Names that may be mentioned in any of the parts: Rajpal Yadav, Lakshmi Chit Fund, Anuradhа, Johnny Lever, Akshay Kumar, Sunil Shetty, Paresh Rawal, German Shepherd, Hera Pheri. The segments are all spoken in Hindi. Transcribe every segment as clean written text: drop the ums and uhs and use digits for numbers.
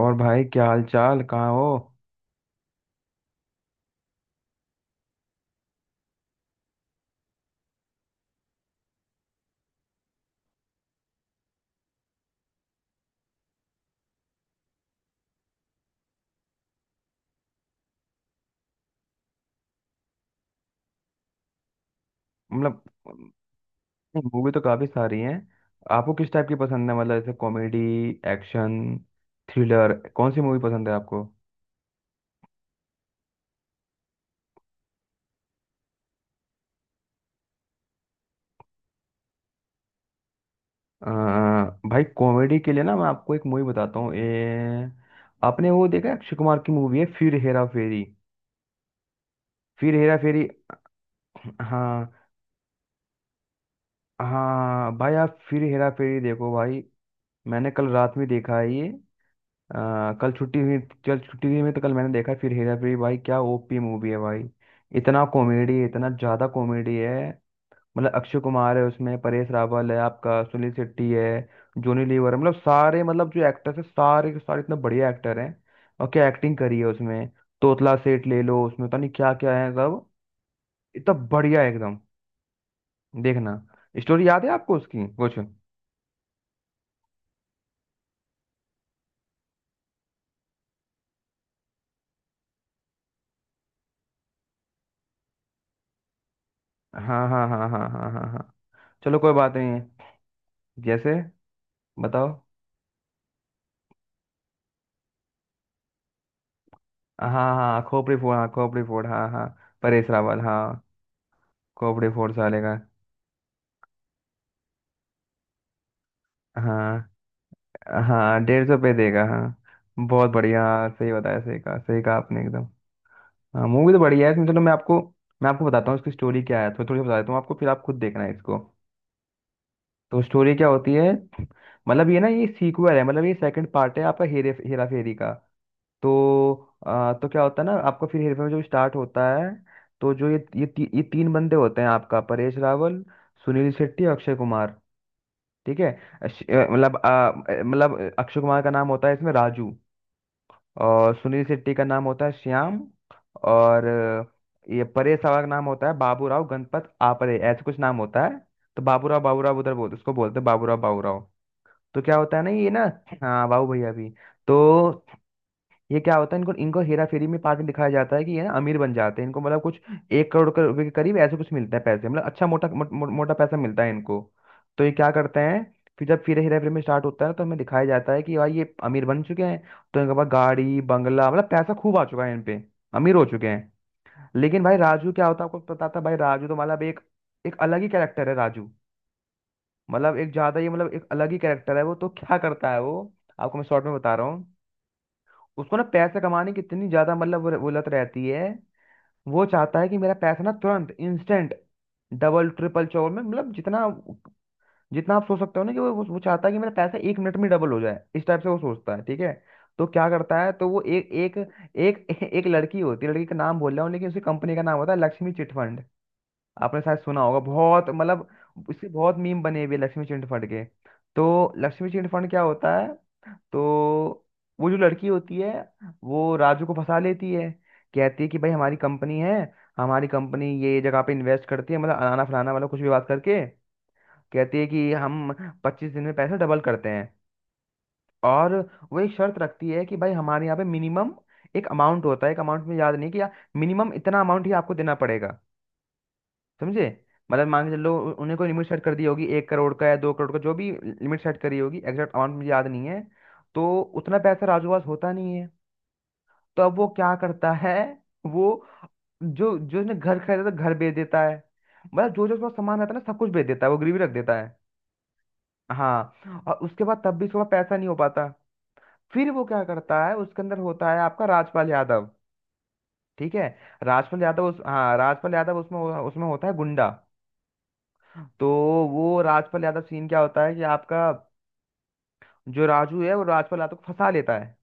और भाई क्या हाल चाल कहाँ हो। मतलब मूवी तो काफी सारी हैं। आपको किस टाइप की पसंद है, मतलब जैसे कॉमेडी, एक्शन, थ्रिलर, कौन सी मूवी पसंद है आपको। अ, भाई कॉमेडी के लिए ना मैं आपको एक मूवी बताता हूँ। आपने वो देखा है, अक्षय कुमार की मूवी है फिर हेरा फेरी। फिर हेरा फेरी। हाँ, हाँ भाई आप फिर हेरा फेरी देखो भाई। मैंने कल रात में देखा है ये। कल छुट्टी हुई। कल छुट्टी हुई में तो कल मैंने देखा फिर हेरा फेरी, भाई क्या ओपी मूवी है भाई। इतना कॉमेडी, इतना ज्यादा कॉमेडी है। मतलब अक्षय कुमार है उसमें, परेश रावल है, आपका सुनील शेट्टी है, जॉनी लीवर है, मतलब सारे, मतलब जो एक्टर्स है सारे के सारे इतने बढ़िया एक्टर हैं। और क्या एक्टिंग करी है उसमें। तोतला सेठ ले लो, उसमें पता नहीं क्या क्या है सब। इतना बढ़िया है एकदम। देखना। स्टोरी याद है आपको उसकी कुछ। हाँ हाँ हाँ हाँ हाँ हाँ हाँ। चलो कोई बात नहीं है। जैसे बताओ। हाँ हाँ हाँ, खोपड़ी फोड़, हाँ खोपड़ी फोड़, हाँ हाँ। परेश रावल, हाँ। खोपड़ी फोड़ साले का। हाँ हाँ, 150 पे देगा, हाँ। बहुत बढ़िया, हाँ, सही बताया, सही कहा, सही कहा आपने एकदम। हाँ, मूवी तो बढ़िया है इसमें। चलो मैं आपको बताता हूँ इसकी स्टोरी क्या है, थोड़ी थोड़ी बता देता हूँ आपको, फिर आप खुद देखना है इसको। तो स्टोरी क्या होती है। मतलब ये ना, ये सीक्वल है, मतलब ये सेकंड पार्ट है आपका हेरे हेरा फेरी का। तो तो क्या होता है ना, आपका फिर हेरफेर में जो स्टार्ट होता है। तो जो ये तीन बंदे होते हैं आपका, परेश रावल, सुनील शेट्टी और अक्षय कुमार। ठीक है। अश- अ, मतलब आ, मतलब अक्षय कुमार का नाम होता है इसमें राजू। और सुनील शेट्टी का नाम होता है श्याम। और ये परेश रावल का नाम होता है बाबूराव गणपत आपरे, ऐसे कुछ नाम होता है। तो बाबूराव बाबूराव उधर बोलते, उसको बोलते हैं बाबूराव बाबूराव। तो क्या होता है ना, ये ना। हाँ, बाबू भैया भी। तो ये क्या होता है, इनको इनको हेरा फेरी में पार्ट में दिखाया जाता है कि ये ना अमीर बन जाते हैं, इनको मतलब कुछ 1 करोड़ के रुपए के करीब ऐसे कुछ मिलता है पैसे, मतलब अच्छा मोटा मो, मो, मोटा पैसा मिलता है इनको। तो ये क्या करते हैं। फिर जब फिर हेरा फेरी में स्टार्ट होता है, तो हमें दिखाया जाता है कि भाई ये अमीर बन चुके हैं। तो इनके पास गाड़ी, बंगला, मतलब पैसा खूब आ चुका है इन पे। अमीर हो चुके हैं। लेकिन भाई राजू क्या होता है, आपको पता था भाई राजू तो मतलब एक एक अलग ही कैरेक्टर है राजू। मतलब एक ज्यादा ही, मतलब एक अलग ही कैरेक्टर है वो, तो क्या करता है वो। आपको मैं शॉर्ट में बता रहा हूँ। उसको ना पैसे कमाने की इतनी ज्यादा मतलब वो लत रहती है। वो चाहता है कि मेरा पैसा ना तुरंत इंस्टेंट डबल ट्रिपल चोर में, मतलब जितना जितना आप सोच सकते हो ना, कि वो चाहता है कि मेरा पैसा 1 मिनट में डबल हो जाए, इस टाइप से वो सोचता है। ठीक है। तो क्या करता है, तो वो एक एक एक एक लड़की होती है, लड़की का नाम बोल रहा हूँ लेकिन उसकी कंपनी का नाम होता है लक्ष्मी चिट फंड। आपने शायद सुना होगा, बहुत मतलब इसके बहुत मीम बने हुए हैं लक्ष्मी चिट फंड के। तो लक्ष्मी चिट फंड क्या होता है। तो वो जो लड़की होती है, वो राजू को फंसा लेती है। कहती है कि भाई हमारी कंपनी है, हमारी कंपनी ये जगह पे इन्वेस्ट करती है, मतलब अनाना फलाना, मतलब कुछ भी बात करके कहती है कि हम 25 दिन में पैसा डबल करते हैं। और वो एक शर्त रखती है कि भाई हमारे यहाँ पे मिनिमम एक अमाउंट होता है, एक अमाउंट में याद नहीं कि, मिनिमम इतना अमाउंट ही आपको देना पड़ेगा। समझे। मतलब मान के चलो उन्हें कोई लिमिट सेट कर दी होगी, 1 करोड़ का या 2 करोड़ का, जो भी लिमिट सेट करी होगी, एग्जैक्ट अमाउंट मुझे याद नहीं है। तो उतना पैसा राजू के पास होता नहीं है। तो अब वो क्या करता है। वो जो जो उसने घर खरीदा था घर बेच देता है, मतलब जो जो उसका सामान रहता है ना सब कुछ बेच देता है, वो गिरवी रख देता है। हाँ, और उसके बाद तब भी थोड़ा पैसा नहीं हो पाता। फिर वो क्या करता है, उसके अंदर होता है आपका राजपाल यादव। ठीक है। राजपाल यादव, उस, हाँ, राजपाल यादव उसमें उसमें होता है गुंडा। तो वो राजपाल यादव, सीन क्या होता है कि आपका जो राजू है वो राजपाल यादव को फंसा लेता है।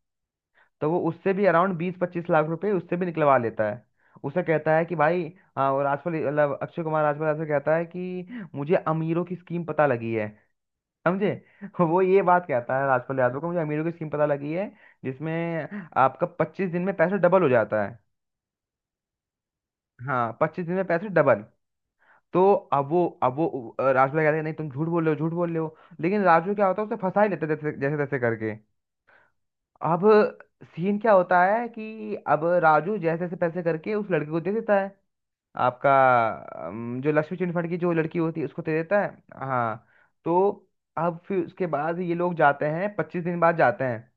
तो वो उससे भी अराउंड 20-25 लाख रुपए उससे भी निकलवा लेता है। उसे कहता है कि भाई, हाँ, और राजपाल, मतलब अक्षय कुमार राजपाल ऐसे कहता है कि मुझे अमीरों की स्कीम पता लगी है। समझे। वो ये बात कहता है राजपाल यादव को, मुझे अमीरों की स्कीम पता लगी है जिसमें आपका 25 दिन में पैसा डबल हो जाता है। हाँ, 25 दिन में पैसे डबल। तो अब वो, अब वो, राजपाल कहता है नहीं तुम झूठ बोल रहे हो, झूठ बोल रहे हो। लेकिन राजू क्या होता है, उसे फंसा ही लेता है जैसे जैसे तैसे करके। अब सीन क्या होता है कि अब राजू जैसे जैसे पैसे करके उस लड़की को दे देता है, आपका जो लक्ष्मी चिट फंड की जो लड़की होती है उसको दे देता है। हाँ। तो अब फिर उसके बाद ये लोग जाते हैं, 25 दिन बाद जाते हैं,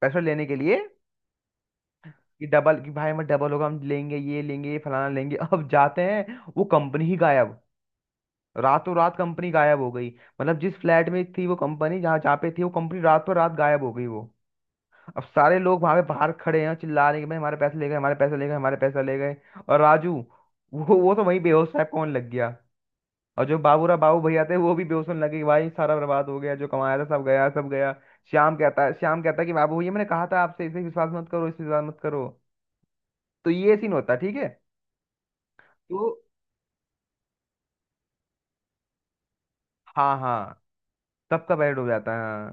पैसा लेने के लिए। कि डबल, कि भाई मैं डबल होगा, हम लेंगे, ये लेंगे, ये फलाना लेंगे, अब जाते हैं वो कंपनी ही गायब। रातों रात कंपनी गायब हो गई। मतलब जिस फ्लैट में थी वो कंपनी, जहाँ जहाँ पे थी वो कंपनी रातों रात गायब हो गई वो। अब सारे लोग वहां पे बाहर खड़े हैं, चिल्ला रहे हैं कि भाई हमारे पैसे ले गए, हमारे पैसे ले गए, हमारे पैसे ले गए। और राजू, वो तो वहीं बेहोश टाइप कौन लग गया। और जो बाबू भैया थे वो भी बेहोश होने लगे कि भाई सारा बर्बाद हो गया, जो कमाया था सब गया, सब गया। श्याम कहता है कि बाबू भैया मैंने कहा था आपसे, इसे विश्वास मत करो, इसे विश्वास मत करो। तो ये सीन होता है। ठीक है। तो हाँ हाँ, सबका पैर डूब जाता है।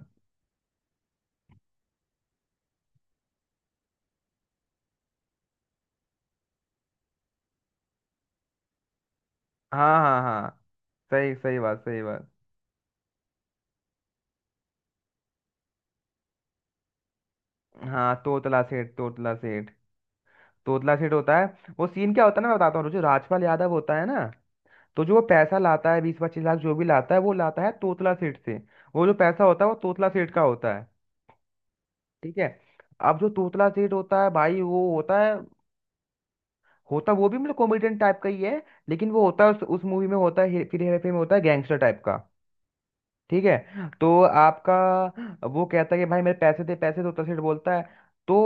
हाँ हाँ हाँ हाँ, सही, सही बात, सही बात। हाँ, तोतला सेठ, तोतला सेठ। तोतला सेठ होता है। वो सीन क्या होता है ना, मैं बताता हूँ, जो राजपाल यादव होता है ना, तो जो वो पैसा लाता है, 20-25 लाख जो भी लाता है, वो लाता है तोतला सेठ से। वो जो पैसा होता है वो तोतला सेठ का होता है। ठीक है। अब जो तोतला सेठ होता है भाई, वो होता है, होता वो भी मतलब कॉमेडियन टाइप का ही है, लेकिन वो होता है उस मूवी में होता है, फिर हेरा फेरी में होता है गैंगस्टर टाइप का। ठीक है। तो आपका वो कहता है कि भाई मेरे पैसे दे, पैसे, तोतला सेठ बोलता है। तो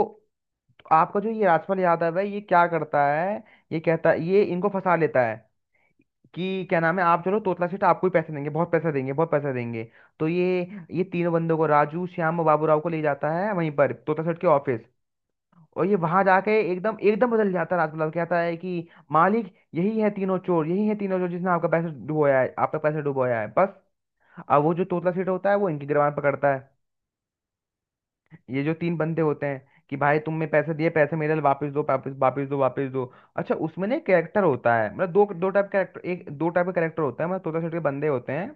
आपका जो ये राजपाल यादव है, ये क्या करता है, ये कहता है, ये इनको फंसा लेता है, कि क्या नाम है आप चलो तोतला सेठ, आपको ही पैसे देंगे, बहुत पैसा देंगे, बहुत पैसा देंगे। तो ये तीनों बंदों को, राजू, श्याम और बाबू राव को ले जाता है वहीं पर तोतला सेठ के ऑफिस। और ये वहां जाके एकदम एकदम बदल जाता है, राजपाल कहता है कि मालिक यही है तीनों चोर, यही है तीनों चोर, जिसने आपका पैसा डुबोया है, आपका पैसा डुबोया है, बस। अब वो जो तोतला सेठ होता है वो इनकी गिरबान पकड़ता है, ये जो तीन बंदे होते हैं, कि भाई तुमने पैसे दिए, पैसे मेरे वापस दो, वापस, वापस दो, वापस दो। अच्छा उसमें ना कैरेक्टर होता है, मतलब दो दो टाइप कैरेक्टर, एक दो टाइप का कैरेक्टर होता है, मतलब तोता सेठ के बंदे होते हैं।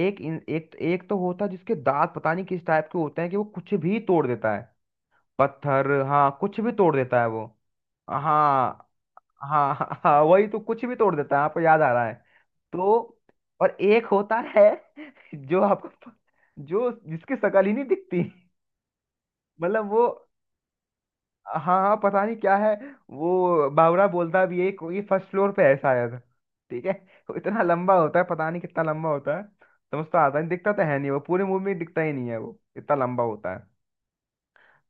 एक एक एक तो होता है जिसके दांत पता नहीं किस टाइप के होते हैं कि वो कुछ भी तोड़ देता है। पत्थर, हाँ, कुछ भी तोड़ देता है वो। हाँ हाँ हाँ, वही तो कुछ भी तोड़ देता है, आपको याद आ रहा है। तो और एक होता है जो आपको, जो जिसकी शक्ल ही नहीं दिखती। मतलब वो, हाँ हाँ पता नहीं क्या है। वो बावरा बोलता भी है कोई फर्स्ट फ्लोर पे है शायद। ठीक है। वो इतना लंबा होता है, पता नहीं कितना लंबा होता है। समझ तो आता नहीं, दिखता तो है नहीं, वो पूरे मूवी में दिखता ही नहीं है वो, इतना लंबा होता है।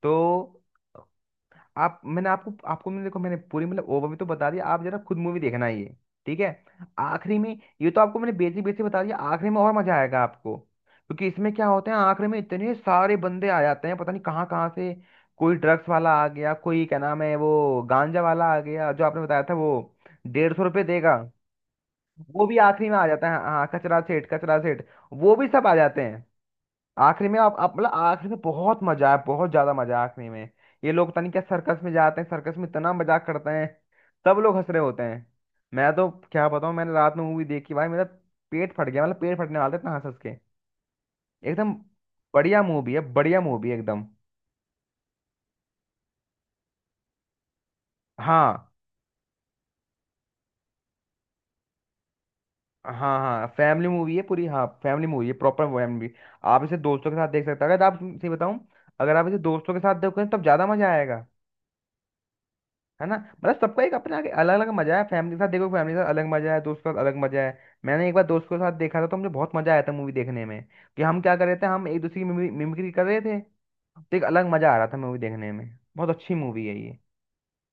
तो आप, मैंने आपको, आपको मैंने, देखो मैंने पूरी मतलब ओवरव्यू तो बता दिया आप जरा खुद मूवी देखना ये। ठीक है आखिरी में। ये तो आपको मैंने बेसिक बेसिक बता दिया, आखिरी में और मजा आएगा आपको, क्योंकि इसमें क्या होता है आखिरी में इतने सारे बंदे आ जाते हैं, पता नहीं कहाँ कहाँ से। कोई ड्रग्स वाला आ गया, कोई क्या नाम है वो गांजा वाला आ गया जो आपने बताया था, वो 150 रुपये देगा, वो भी आखिरी में आ जाता है। हाँ, कचरा सेठ, कचरा सेठ, वो भी सब आ जाते हैं आखिरी में। आप मतलब आखिरी में बहुत मजा है, बहुत ज्यादा मजा है आखिरी में। ये लोग पता नहीं क्या, सर्कस में जाते हैं, सर्कस में इतना मजाक करते हैं, सब लोग हंस रहे होते हैं। मैं तो क्या बताऊं, मैंने रात में मूवी देखी, भाई मेरा पेट फट गया, मतलब पेट फटने वाला था इतना हंस हंस के, एकदम। बढ़िया मूवी है, बढ़िया मूवी है एकदम। हाँ हाँ हाँ, फैमिली मूवी है पूरी, हाँ फैमिली मूवी है, प्रॉपर फैमिली। आप इसे दोस्तों के साथ देख सकते हैं, अगर आप सही बताऊं, अगर आप इसे दोस्तों के साथ देखोगे तब ज्यादा मजा आएगा। है ना। मतलब सबका एक अपना अलग अलग मजा है, फैमिली के साथ देखो फैमिली के साथ अलग मजा है, दोस्त के साथ अलग मजा है। मैंने एक बार दोस्त के साथ देखा था तो मुझे बहुत मजा आया था मूवी देखने में। कि हम क्या कर रहे थे, हम एक दूसरे की मिमिक्री कर रहे थे, तो एक अलग मजा आ रहा था मूवी देखने में। बहुत अच्छी मूवी है ये।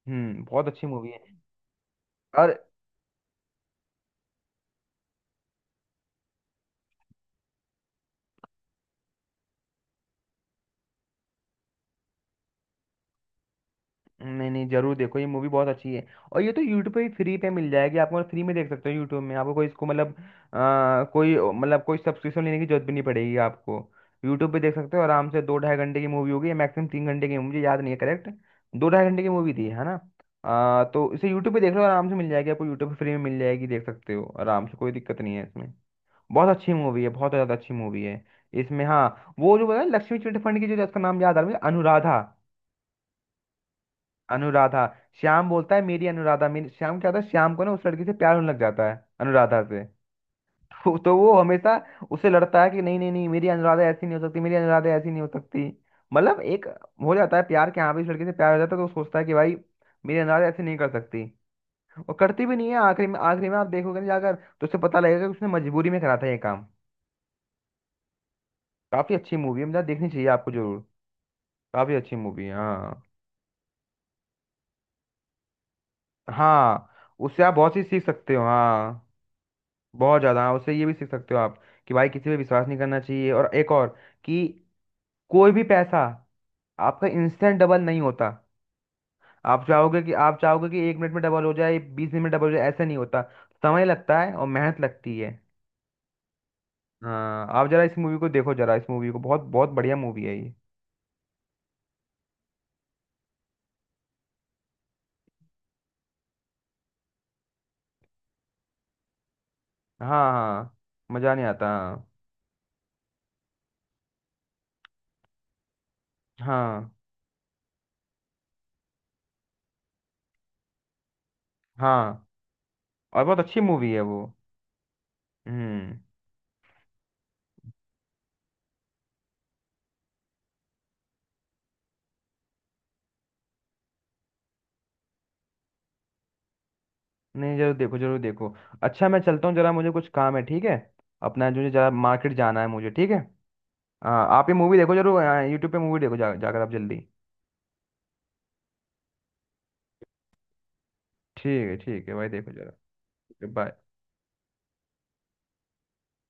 हम्म, बहुत अच्छी मूवी है। और नहीं नहीं, जरूर देखो, ये मूवी बहुत अच्छी है। और ये तो यूट्यूब पे भी फ्री पे मिल जाएगी आपको, फ्री में देख सकते हो यूट्यूब में, आपको कोई इसको मतलब कोई मतलब कोई सब्सक्रिप्शन लेने की जरूरत भी नहीं पड़ेगी आपको। यूट्यूब पे देख सकते हो आराम से, दो ढाई घंटे की मूवी होगी, मैक्सिमम 3 घंटे की, मुझे याद नहीं है करेक्ट। दो ढाई घंटे की मूवी थी, है ना। तो इसे यूट्यूब पे देख लो आराम से, मिल जाएगी आपको, यूट्यूब पे फ्री में मिल जाएगी, देख सकते हो आराम से, कोई दिक्कत नहीं है इसमें। बहुत अच्छी मूवी है, बहुत ज़्यादा अच्छी मूवी है। इसमें हाँ, वो जो है लक्ष्मी चिट फंड की जो जिसका नाम याद आ रहा है मुझे, अनुराधा। अनुराधा। श्याम बोलता है मेरी अनुराधा मेरी श्याम, क्या होता है श्याम को ना, उस लड़की से प्यार होने लग जाता है, अनुराधा से। तो वो हमेशा उससे लड़ता है कि नहीं नहीं नहीं, मेरी अनुराधा ऐसी नहीं हो सकती, मेरी अनुराधा ऐसी नहीं हो सकती। मतलब एक हो जाता है प्यार, के यहाँ भी इस लड़की से प्यार हो जाता है, तो वो सोचता है कि भाई मेरी अनुराधा ऐसे नहीं कर सकती। और करती भी नहीं है आखिरी में, आखिरी में आप देखोगे ना जाकर, तो उससे पता लगेगा कि उसने मजबूरी में करा था ये काम। काफी अच्छी मूवी है, मतलब देखनी चाहिए आपको जरूर। काफी अच्छी मूवी है, हाँ। हाँ, उससे आप बहुत सी सीख सकते हो, हाँ बहुत ज़्यादा, हाँ उससे ये भी सीख सकते हो आप, कि भाई किसी पे विश्वास नहीं करना चाहिए। और एक और, कि कोई भी पैसा आपका इंस्टेंट डबल नहीं होता। आप चाहोगे कि 1 मिनट में डबल हो जाए, 20 मिनट में डबल हो जाए, ऐसा नहीं होता। समय लगता है और मेहनत लगती है। हाँ आप जरा इस मूवी को देखो, जरा इस मूवी को, बहुत बहुत बढ़िया मूवी है ये। हाँ हाँ, मज़ा नहीं आता, हाँ। हाँ हाँ, और बहुत अच्छी मूवी है वो। हम्म। नहीं जरूर देखो, जरूर देखो। अच्छा, मैं चलता हूँ जरा, मुझे कुछ काम है, ठीक है। अपना जो, जरा मार्केट जाना है मुझे, ठीक है। हाँ, आप ये मूवी देखो जरूर। यूट्यूब पे मूवी देखो, जाकर आप जल्दी। ठीक है, ठीक है भाई, देखो जरा। बाय।